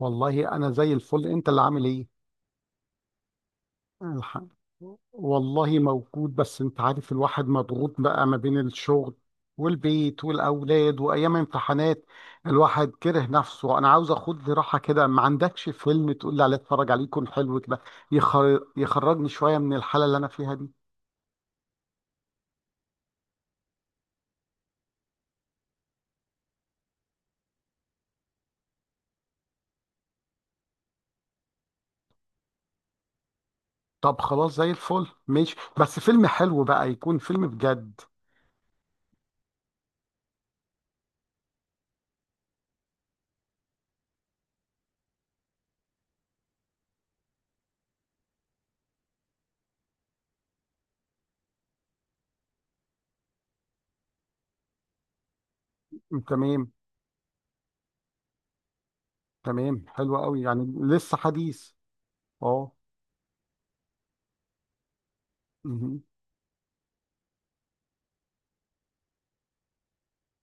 والله انا زي الفل، انت اللي عامل ايه؟ الح... والله موجود، بس انت عارف الواحد مضغوط بقى ما بين الشغل والبيت والاولاد وايام امتحانات. الواحد كره نفسه، انا عاوز اخد لي راحه كده. ما عندكش فيلم تقول لي عليه اتفرج عليه يكون حلو كده، يخرجني شويه من الحاله اللي انا فيها دي؟ طب خلاص، زي الفل ماشي، بس فيلم حلو بقى، يكون فيلم بجد. تمام. تمام، حلو قوي، يعني لسه حديث. اه،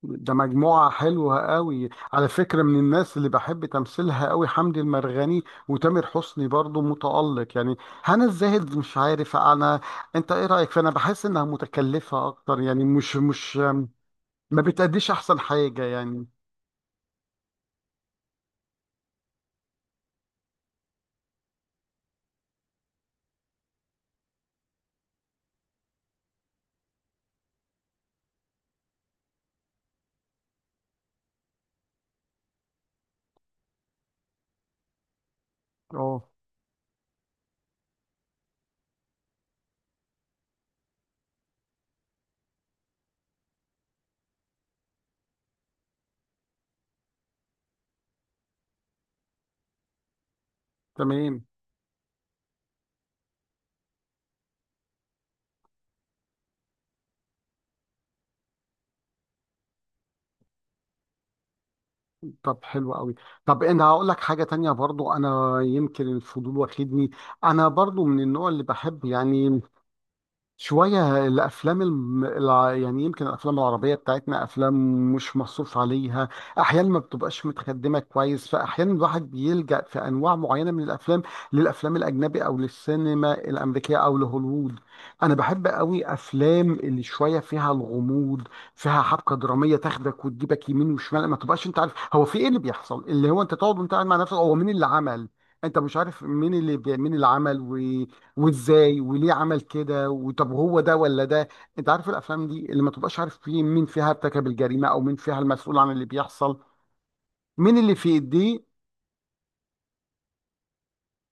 ده مجموعة حلوة قوي على فكرة، من الناس اللي بحب تمثيلها قوي حمدي المرغني. وتامر حسني برضو متألق يعني. هنا الزاهد، مش عارف انا، انت ايه رأيك؟ فانا بحس انها متكلفة اكتر، يعني مش ما بتأديش احسن حاجة يعني. اه. تمام. طب حلو قوي. طب انا هقول لك حاجة تانية برضو، انا يمكن الفضول واخدني. انا برضو من النوع اللي بحب، يعني شوية الأفلام يعني يمكن الأفلام العربية بتاعتنا أفلام مش مصروف عليها. أحيانا ما بتبقاش متخدمة كويس، فأحيانا الواحد بيلجأ في أنواع معينة من الأفلام، للأفلام الأجنبي أو للسينما الأمريكية أو لهوليوود. أنا بحب قوي أفلام اللي شوية فيها الغموض، فيها حبكة درامية تاخدك وتجيبك يمين وشمال. ما تبقاش أنت عارف هو في إيه اللي بيحصل، اللي هو أنت تقعد وأنت قاعد مع نفسك، هو مين اللي عمل. أنت مش عارف مين اللي عمل، وازاي وليه عمل كده، وطب هو ده ولا ده. انت عارف الافلام دي اللي ما تبقاش عارف فيه مين فيها ارتكب الجريمه، او مين فيها المسؤول عن اللي بيحصل، مين اللي في ايديه.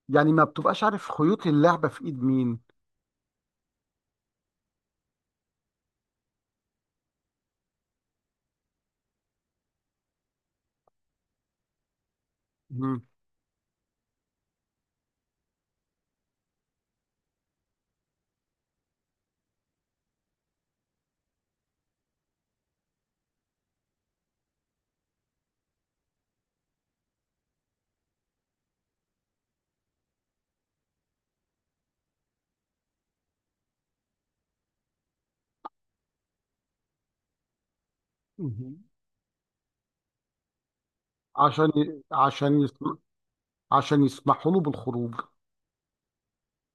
يعني ما بتبقاش عارف خيوط اللعبه في ايد مين. مم. مهم. عشان ي- عشان يسم... عشان يسمحوا له بالخروج.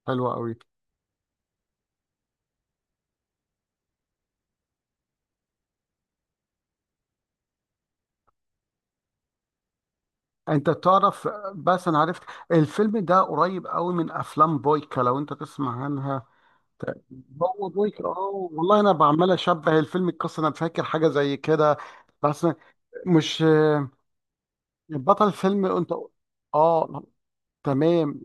حلو قوي. انت تعرف، بس انا عرفت الفيلم ده قريب قوي من افلام بويكا، لو انت تسمع عنها. هو بويكا، اه والله، انا بعمل اشبه الفيلم، القصه انا فاكر حاجه زي كده، بس مش بطل فيلم انت. اه. تمام.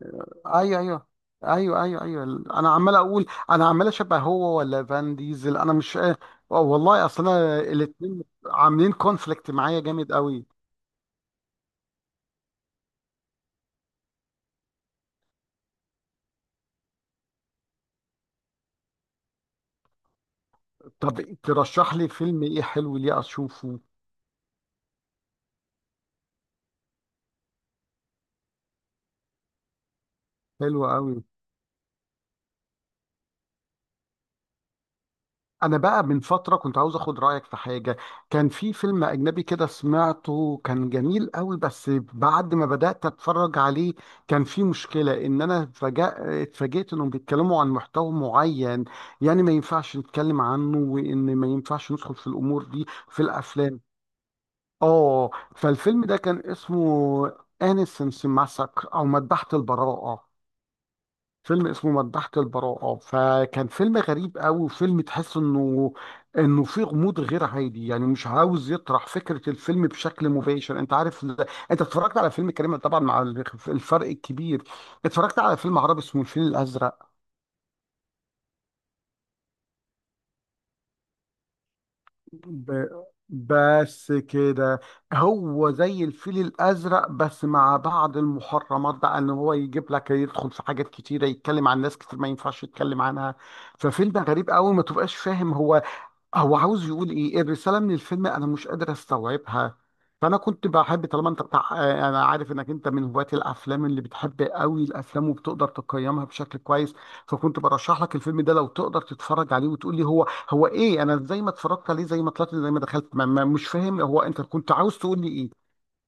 ايوه، ايوه. ايوه، ايوه، ايوه. انا عمال اقول، انا عمال اشبه هو ولا فان ديزل، انا مش والله. اصل انا الاثنين عاملين كونفليكت معايا جامد قوي. طب ترشح لي فيلم ايه حلو ليه اشوفه. حلو قوي. انا بقى من فتره كنت عاوز اخد رايك في حاجه. كان في فيلم اجنبي كده سمعته، كان جميل قوي، بس بعد ما بدات اتفرج عليه كان في مشكله ان انا فجأة اتفاجئت انهم بيتكلموا عن محتوى معين، يعني ما ينفعش نتكلم عنه، وان ما ينفعش ندخل في الامور دي في الافلام. اه. فالفيلم ده كان اسمه انيسنس ماسك، او مذبحه البراءه. فيلم اسمه مذبحة البراءة، فكان فيلم غريب قوي، وفيلم تحس انه انه فيه غموض غير عادي. يعني مش عاوز يطرح فكرة الفيلم بشكل مباشر. انت عارف انت اتفرجت على فيلم كريم طبعا، مع الفرق الكبير اتفرجت على فيلم عربي اسمه الفيل الازرق. ب... بس كده، هو زي الفيل الازرق، بس مع بعض المحرمات بقى، ان هو يجيب لك يدخل في حاجات كتيرة، يتكلم عن ناس كتير ما ينفعش يتكلم عنها. ففيلم غريب قوي، ما تبقاش فاهم هو، هو عاوز يقول ايه الرساله من الفيلم، انا مش قادر استوعبها. فانا كنت بحب، طالما انت بتاع، انا عارف انك انت من هواة الافلام اللي بتحب قوي الافلام وبتقدر تقيمها بشكل كويس، فكنت برشح لك الفيلم ده لو تقدر تتفرج عليه وتقول لي هو ايه. انا زي ما اتفرجت عليه، زي ما طلعت، زي ما دخلت، ما مش فاهم هو انت كنت عاوز تقول لي ايه.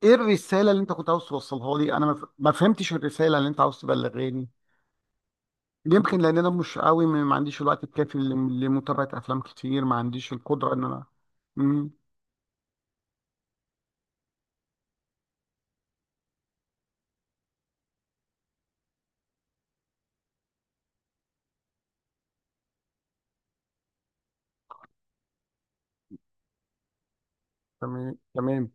ايه الرساله اللي انت كنت عاوز توصلها لي؟ انا ما فهمتش الرساله اللي انت عاوز تبلغاني. يمكن لان انا مش قوي، ما عنديش الوقت الكافي لمتابعه افلام كتير. ما عنديش القدره ان انا. امم. تمام، تمام.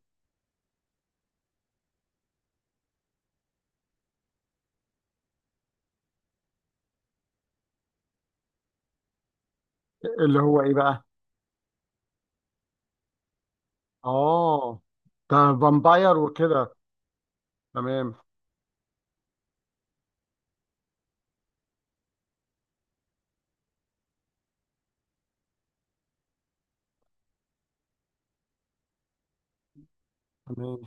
اللي هو ايه بقى؟ اه، ده فامباير وكده. تمام، تمام.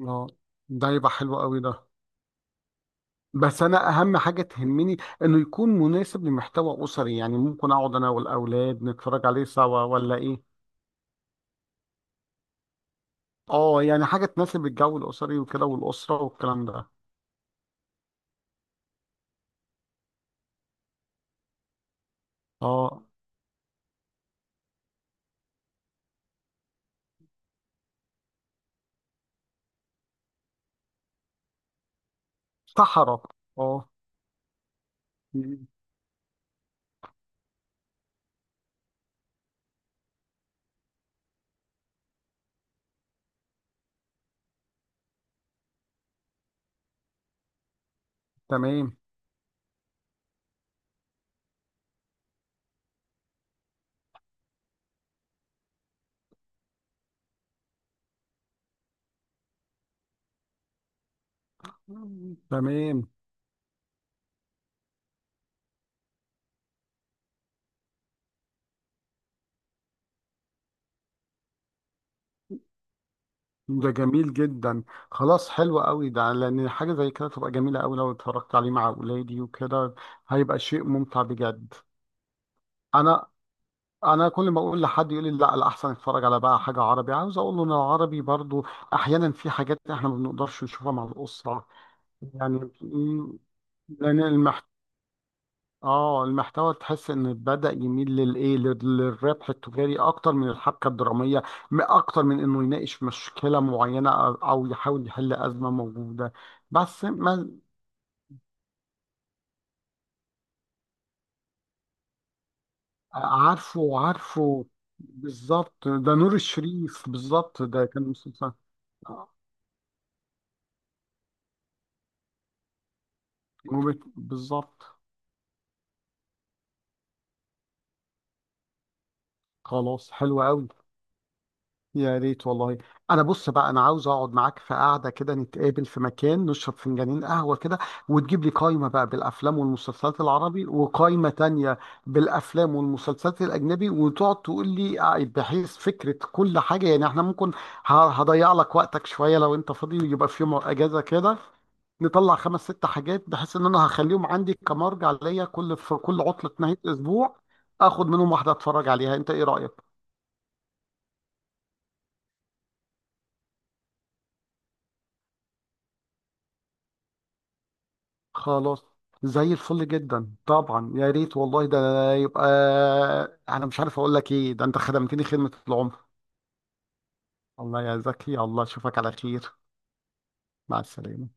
اه، ده يبقى حلو قوي ده. بس انا اهم حاجه تهمني انه يكون مناسب لمحتوى اسري، يعني ممكن اقعد انا والاولاد نتفرج عليه سوا ولا ايه. اه، يعني حاجه تناسب الجو الاسري وكده، والاسره والكلام ده. اه. صحراء. اه. مم. تمام. مم. تمام. ده جميل جدا. خلاص، حلو قوي ده، لان حاجه زي كده تبقى جميله قوي لو اتفرجت عليه مع اولادي وكده. هيبقى شيء ممتع بجد. انا انا كل ما اقول لحد يقول لي لا، الاحسن اتفرج على بقى حاجه عربي. عاوز اقول له ان العربي برضو احيانا في حاجات احنا ما بنقدرش نشوفها مع الاسره. يعني م- لان المحت... اه، المحتوى تحس ان بدأ يميل للايه، للربح التجاري اكتر من الحبكه الدراميه. اكتر من انه يناقش مشكله معينه، او يحاول يحل ازمه موجوده. بس ما. عارفه، عارفه. بالظبط، ده نور الشريف، بالظبط، ده كان مسلسل. آه، بالظبط. خلاص، حلو قوي. يا ريت والله. انا بص بقى، انا عاوز اقعد معاك في قعده كده، نتقابل في مكان نشرب فنجانين قهوه كده، وتجيب لي قائمه بقى بالافلام والمسلسلات العربي، وقائمه تانية بالافلام والمسلسلات الاجنبي، وتقعد تقول لي بحيث فكره كل حاجه. يعني احنا ممكن هضيع لك وقتك شويه، لو انت فاضي يبقى في يوم اجازه كده، نطلع 5 6 حاجات، بحيث ان انا هخليهم عندي كمرجع ليا، في كل عطله نهايه اسبوع اخد منهم واحده اتفرج عليها. انت ايه رايك؟ خلاص، زي الفل جدا طبعا، يا ريت والله ده. يبقى انا مش عارف اقول لك ايه، ده انت خدمتني خدمة العمر. الله يا زكي، الله، اشوفك على خير. مع السلامة.